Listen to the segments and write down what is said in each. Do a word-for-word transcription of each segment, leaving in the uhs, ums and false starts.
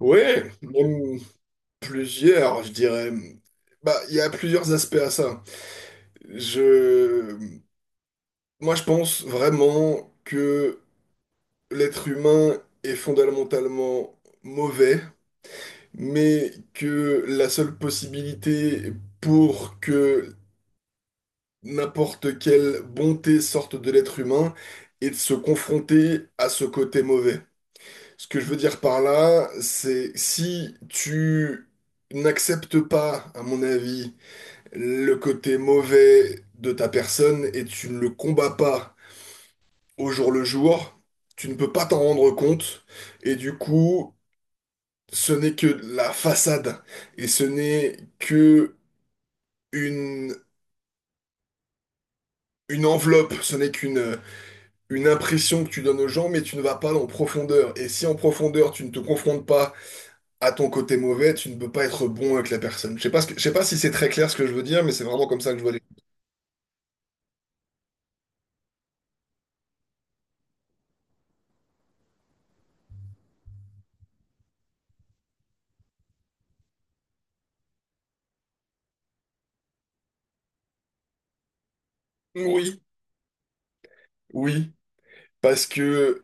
Oui, même plusieurs, je dirais. Bah, il y a plusieurs aspects à ça. Je, moi, je pense vraiment que l'être humain est fondamentalement mauvais, mais que la seule possibilité pour que n'importe quelle bonté sorte de l'être humain est de se confronter à ce côté mauvais. Ce que je veux dire par là, c'est si tu n'acceptes pas, à mon avis, le côté mauvais de ta personne et tu ne le combats pas au jour le jour, tu ne peux pas t'en rendre compte et du coup, ce n'est que la façade et ce n'est que une, une enveloppe, ce n'est qu'une une impression que tu donnes aux gens, mais tu ne vas pas en profondeur. Et si en profondeur, tu ne te confrontes pas à ton côté mauvais, tu ne peux pas être bon avec la personne. Je sais pas ce que- je sais pas si c'est très clair ce que je veux dire, mais c'est vraiment comme ça que je vois les... Oui. Oui, parce que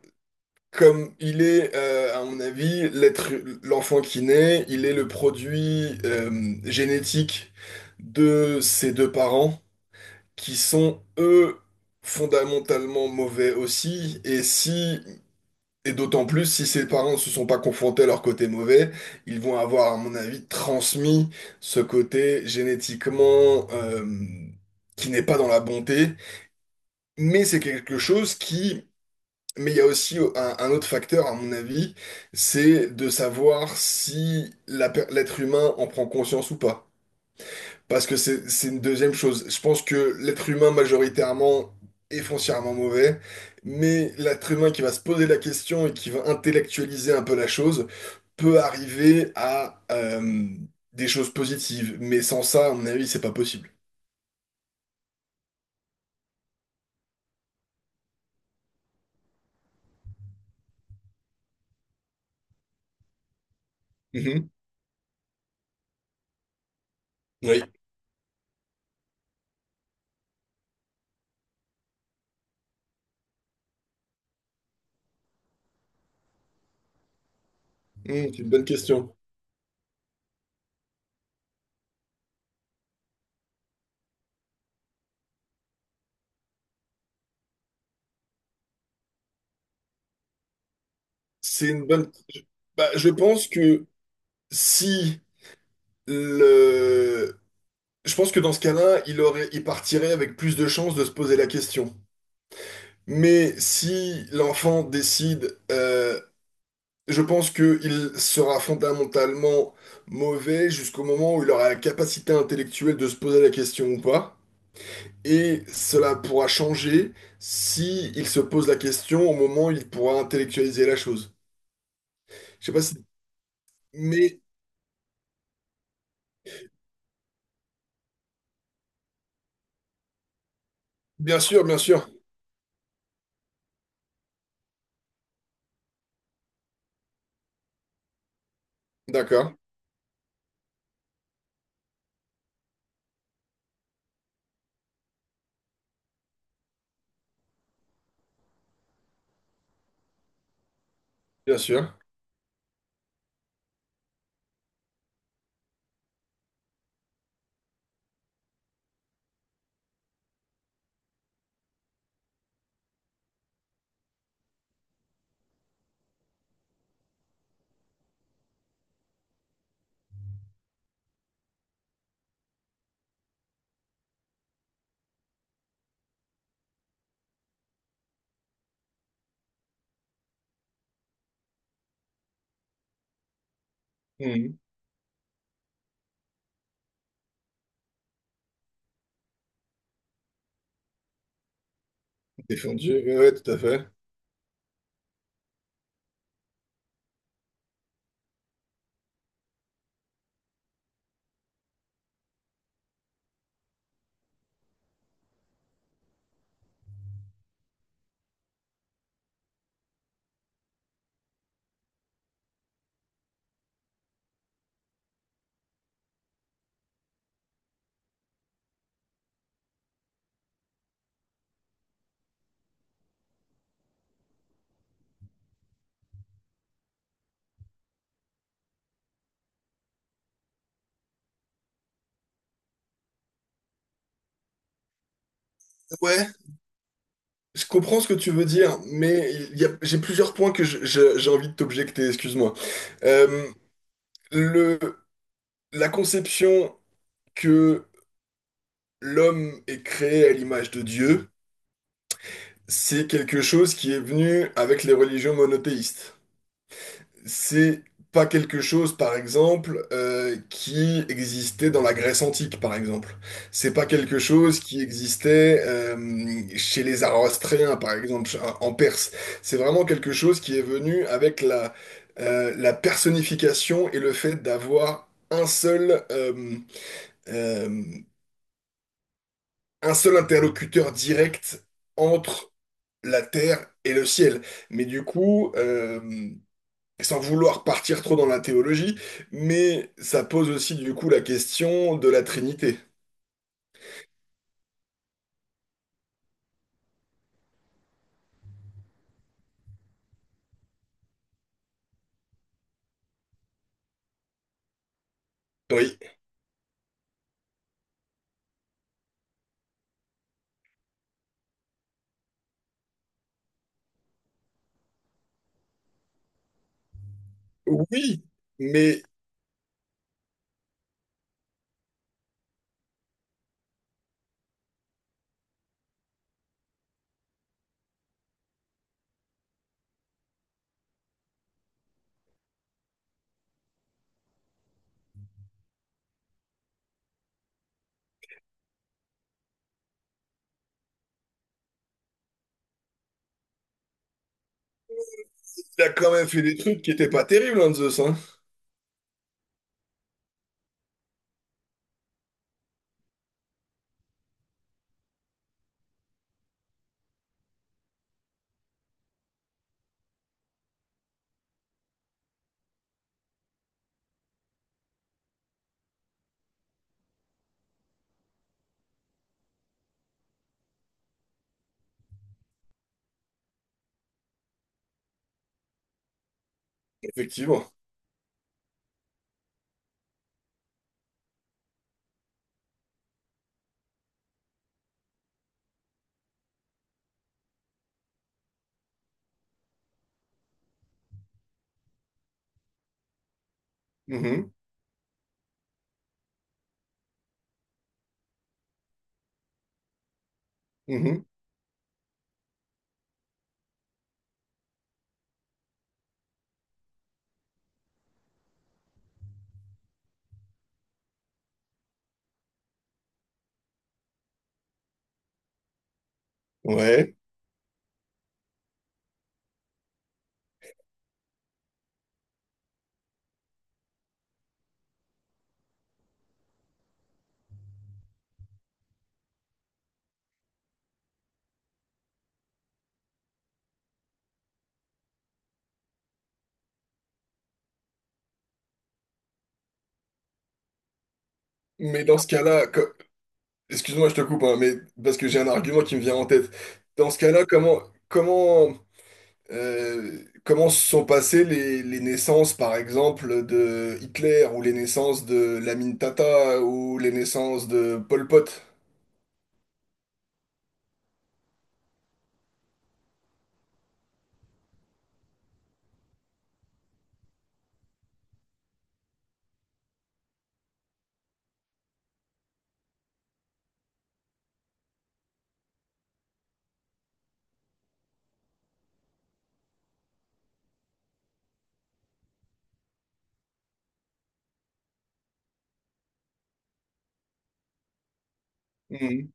comme il est, euh, à mon avis, l'être, l'enfant qui naît, il est le produit euh, génétique de ses deux parents qui sont, eux, fondamentalement mauvais aussi. Et si Et d'autant plus si ses parents ne se sont pas confrontés à leur côté mauvais, ils vont avoir, à mon avis, transmis ce côté génétiquement euh, qui n'est pas dans la bonté. Mais c'est quelque chose qui... Mais il y a aussi un, un autre facteur, à mon avis, c'est de savoir si la per- l'être humain en prend conscience ou pas. Parce que c'est c'est une deuxième chose. Je pense que l'être humain majoritairement est foncièrement mauvais, mais l'être humain qui va se poser la question et qui va intellectualiser un peu la chose peut arriver à euh, des choses positives. Mais sans ça, à mon avis, c'est pas possible. Mhm. Oui. Mmh, c'est une bonne question. C'est une bonne. Bah, je pense que si le, je pense que dans ce cas-là, il aurait, il partirait avec plus de chances de se poser la question. Mais si l'enfant décide, euh, je pense qu'il sera fondamentalement mauvais jusqu'au moment où il aura la capacité intellectuelle de se poser la question ou pas. Et cela pourra changer si il se pose la question au moment où il pourra intellectualiser la chose. Je sais pas si... Mais bien sûr, bien sûr. D'accord, bien sûr. Mhm. Défendu, ouais, ouais, tout à fait. Ouais, je comprends ce que tu veux dire, mais il y a- j'ai plusieurs points que je- je- j'ai envie de t'objecter, excuse-moi. Euh, le, la conception que l'homme est créé à l'image de Dieu, c'est quelque chose qui est venu avec les religions monothéistes. C'est pas quelque chose, par exemple, euh, qui existait dans la Grèce antique, par exemple. C'est pas quelque chose qui existait euh, chez les Zoroastriens, par exemple, ch- en Perse. C'est vraiment quelque chose qui est venu avec la, euh, la personnification et le fait d'avoir un seul, euh, euh, un seul interlocuteur direct entre la terre et le ciel. Mais du coup, euh, sans vouloir partir trop dans la théologie, mais ça pose aussi du coup la question de la Trinité. Oui, oui, mais il a quand même fait des trucs qui étaient pas terribles, hein, Zeus, hein. Effectivement. Mhm, mhm. Ouais. Mais dans ce cas-là, co- excuse-moi, je te coupe, hein, mais parce que j'ai un argument qui me vient en tête. Dans ce cas-là, comment, comment, euh, comment se sont passées les, les naissances, par exemple, de Hitler ou les naissances de Lamine Tata ou les naissances de Pol Pot? Hmm.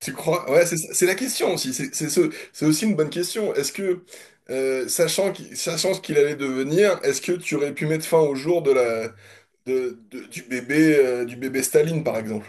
Tu crois? Ouais, c'est ça- c'est la question aussi. C'est c'est ce- c'est aussi une bonne question. Est-ce que, euh, sachant qu'il sachant ce qu'il allait devenir, est-ce que tu aurais pu mettre fin au jour de la, de, de- du bébé, euh, du bébé Staline, par exemple?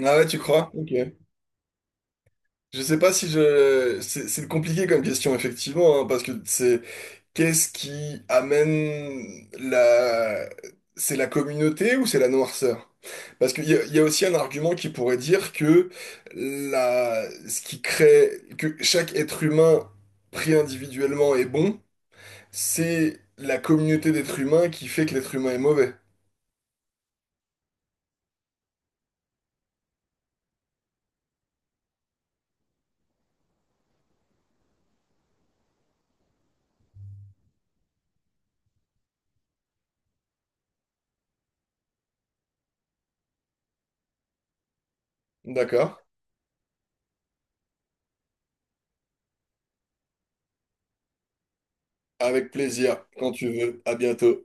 Ah ouais, tu crois? Ok. Je sais pas si je. C'est c'est compliqué comme question, effectivement, hein, parce que c'est. Qu'est-ce qui amène la... C'est la communauté ou c'est la noirceur? Parce qu'il y a, il y a aussi un argument qui pourrait dire que la... ce qui crée, que chaque être humain pris individuellement est bon, c'est la communauté d'êtres humains qui fait que l'être humain est mauvais. D'accord? Avec plaisir, quand tu veux. À bientôt.